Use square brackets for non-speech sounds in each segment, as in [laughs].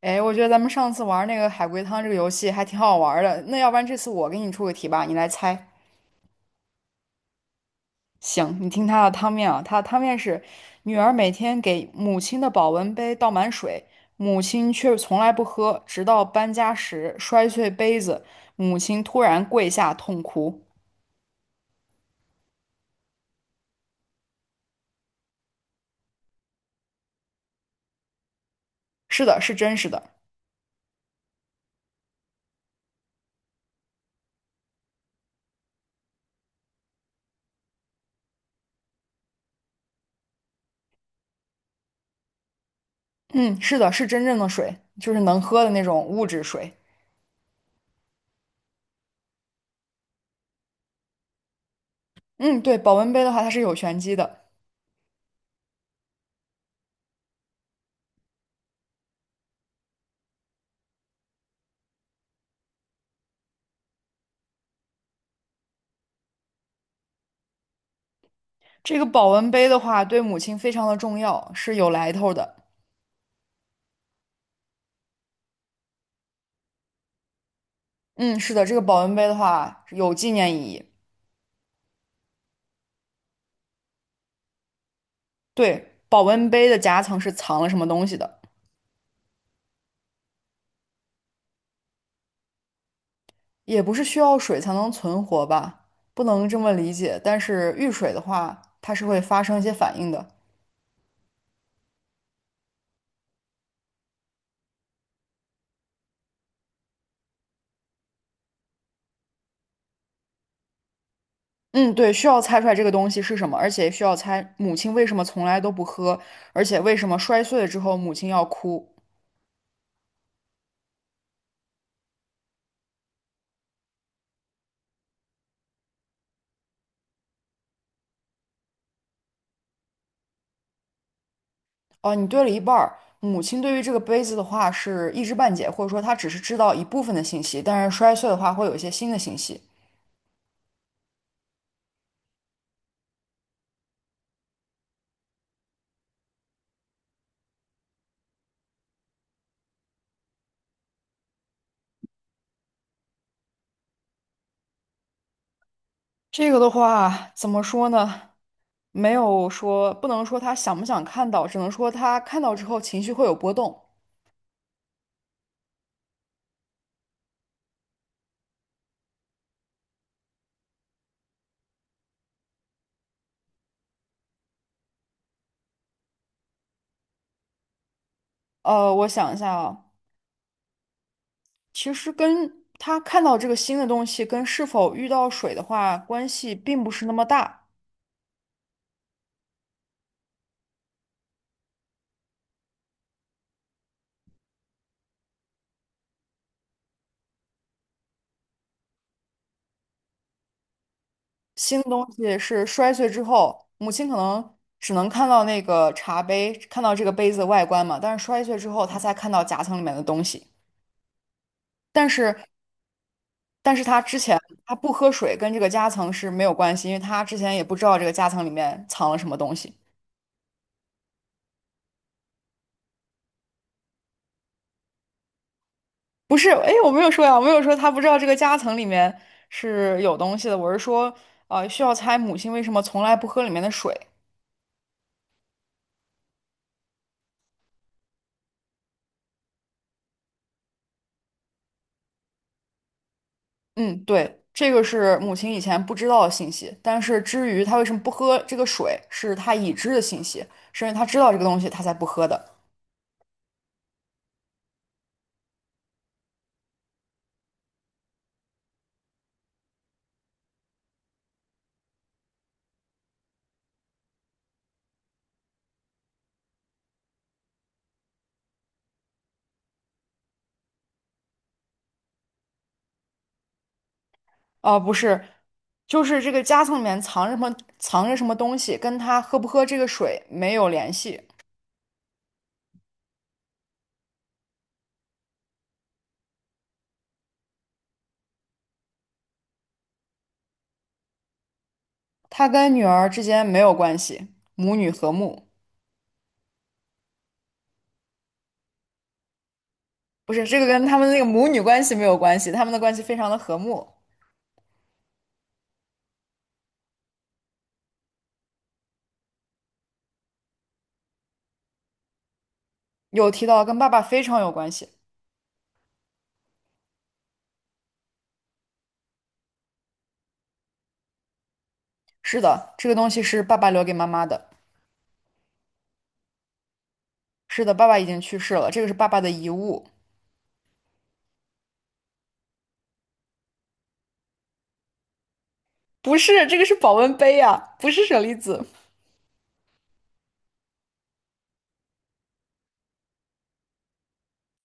哎，我觉得咱们上次玩那个海龟汤这个游戏还挺好玩儿的。那要不然这次我给你出个题吧，你来猜。行，你听它的汤面啊，它的汤面是：女儿每天给母亲的保温杯倒满水，母亲却从来不喝，直到搬家时摔碎杯子，母亲突然跪下痛哭。是的，是真实的。嗯，是的，是真正的水，就是能喝的那种物质水。嗯，对，保温杯的话，它是有玄机的。这个保温杯的话，对母亲非常的重要，是有来头的。嗯，是的，这个保温杯的话有纪念意义。对，保温杯的夹层是藏了什么东西的，也不是需要水才能存活吧？不能这么理解。但是遇水的话，它是会发生一些反应的。嗯，对，需要猜出来这个东西是什么，而且需要猜母亲为什么从来都不喝，而且为什么摔碎了之后母亲要哭。哦，你对了一半儿。母亲对于这个杯子的话是一知半解，或者说她只是知道一部分的信息，但是摔碎的话会有一些新的信息。这个的话，怎么说呢？没有说，不能说他想不想看到，只能说他看到之后情绪会有波动。我想一下啊，其实跟他看到这个新的东西跟是否遇到水的话，关系并不是那么大。新的东西是摔碎之后，母亲可能只能看到那个茶杯，看到这个杯子的外观嘛，但是摔碎之后，他才看到夹层里面的东西。但是但是他之前他不喝水跟这个夹层是没有关系，因为他之前也不知道这个夹层里面藏了什么东西。不是，哎，我没有说呀，我没有说他不知道这个夹层里面是有东西的，我是说，需要猜母亲为什么从来不喝里面的水。嗯，对，这个是母亲以前不知道的信息，但是至于她为什么不喝这个水，是她已知的信息，是因为她知道这个东西，她才不喝的。哦，不是，就是这个夹层里面藏着什么，藏着什么东西，跟他喝不喝这个水没有联系，他跟女儿之间没有关系，母女和睦，不是，这个跟他们那个母女关系没有关系，他们的关系非常的和睦。有提到跟爸爸非常有关系，是的，这个东西是爸爸留给妈妈的，是的，爸爸已经去世了，这个是爸爸的遗物，不是，这个是保温杯呀、不是舍利子，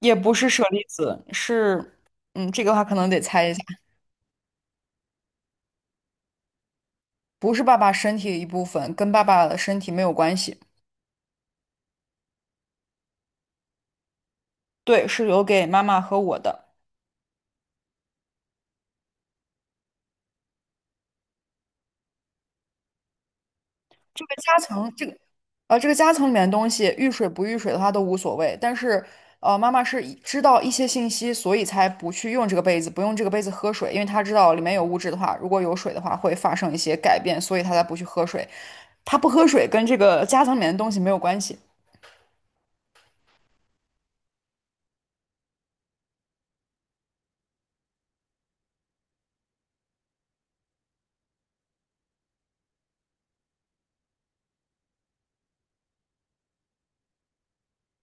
也不是舍利子，是，嗯，这个的话可能得猜一下。不是爸爸身体的一部分，跟爸爸的身体没有关系。对，是留给妈妈和我的。这个夹层，这个夹层里面的东西，遇水不遇水的话都无所谓。但是妈妈是以知道一些信息，所以才不去用这个杯子，不用这个杯子喝水，因为她知道里面有物质的话，如果有水的话会发生一些改变，所以她才不去喝水。她不喝水跟这个夹层里面的东西没有关系，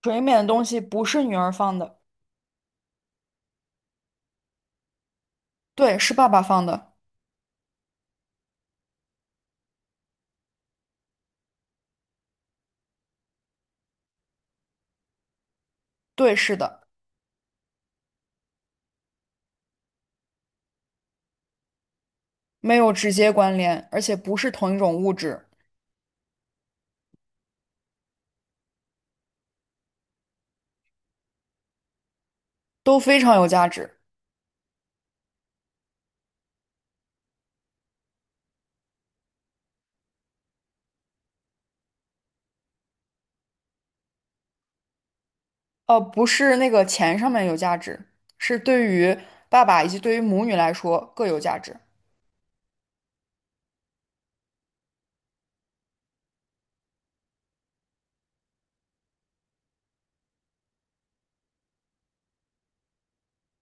水里面的东西不是女儿放的，对，是爸爸放的，对，是的。没有直接关联，而且不是同一种物质，都非常有价值。不是那个钱上面有价值，是对于爸爸以及对于母女来说各有价值。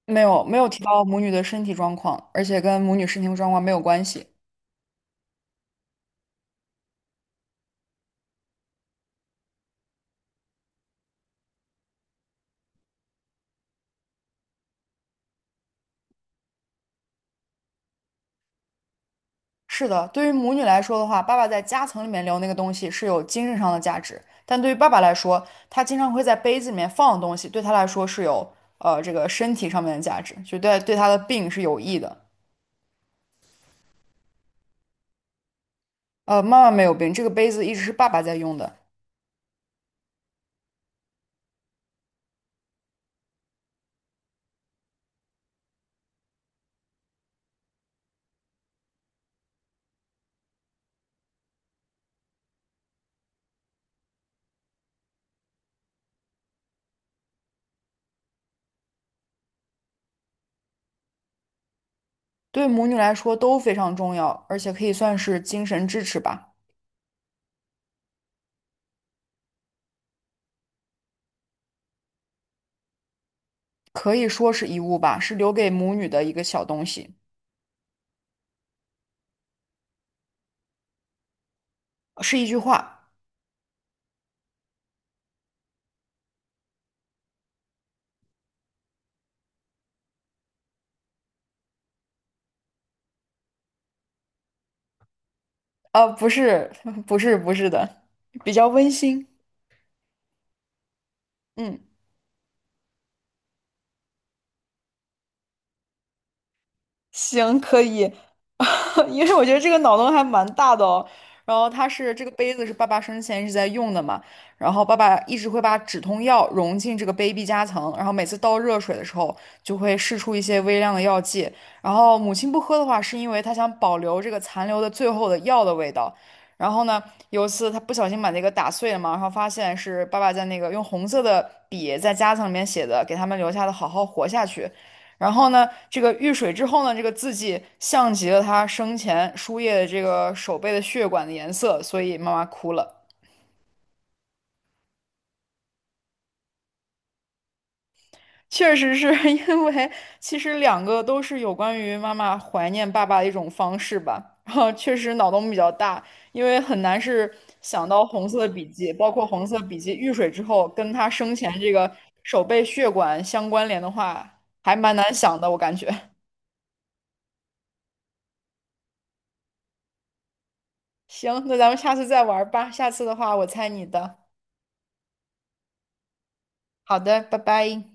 没有提到母女的身体状况，而且跟母女身体状况没有关系。是的，对于母女来说的话，爸爸在夹层里面留那个东西是有精神上的价值，但对于爸爸来说，他经常会在杯子里面放的东西，对他来说是有这个身体上面的价值，就对他的病是有益的。妈妈没有病，这个杯子一直是爸爸在用的，对母女来说都非常重要，而且可以算是精神支持吧，可以说是遗物吧，是留给母女的一个小东西，是一句话，不是，[laughs] 不是，不是的，比较温馨，嗯。行，可以，[laughs] 因为我觉得这个脑洞还蛮大的哦。然后它是这个杯子是爸爸生前一直在用的嘛，然后爸爸一直会把止痛药融进这个杯壁夹层，然后每次倒热水的时候就会释出一些微量的药剂。然后母亲不喝的话，是因为她想保留这个残留的最后的药的味道。然后呢，有一次她不小心把那个打碎了嘛，然后发现是爸爸在那个用红色的笔在夹层里面写的，给他们留下的“好好活下去”。然后呢，这个遇水之后呢，这个字迹像极了他生前输液的这个手背的血管的颜色，所以妈妈哭了。确实是 [laughs] 因为，其实两个都是有关于妈妈怀念爸爸的一种方式吧。[laughs] 然后确实脑洞比较大，因为很难是想到红色笔记，包括红色笔记遇水之后跟他生前这个手背血管相关联的话，还蛮难想的，我感觉。[laughs] 行，那咱们下次再玩儿吧。下次的话，我猜你的。好的，拜拜。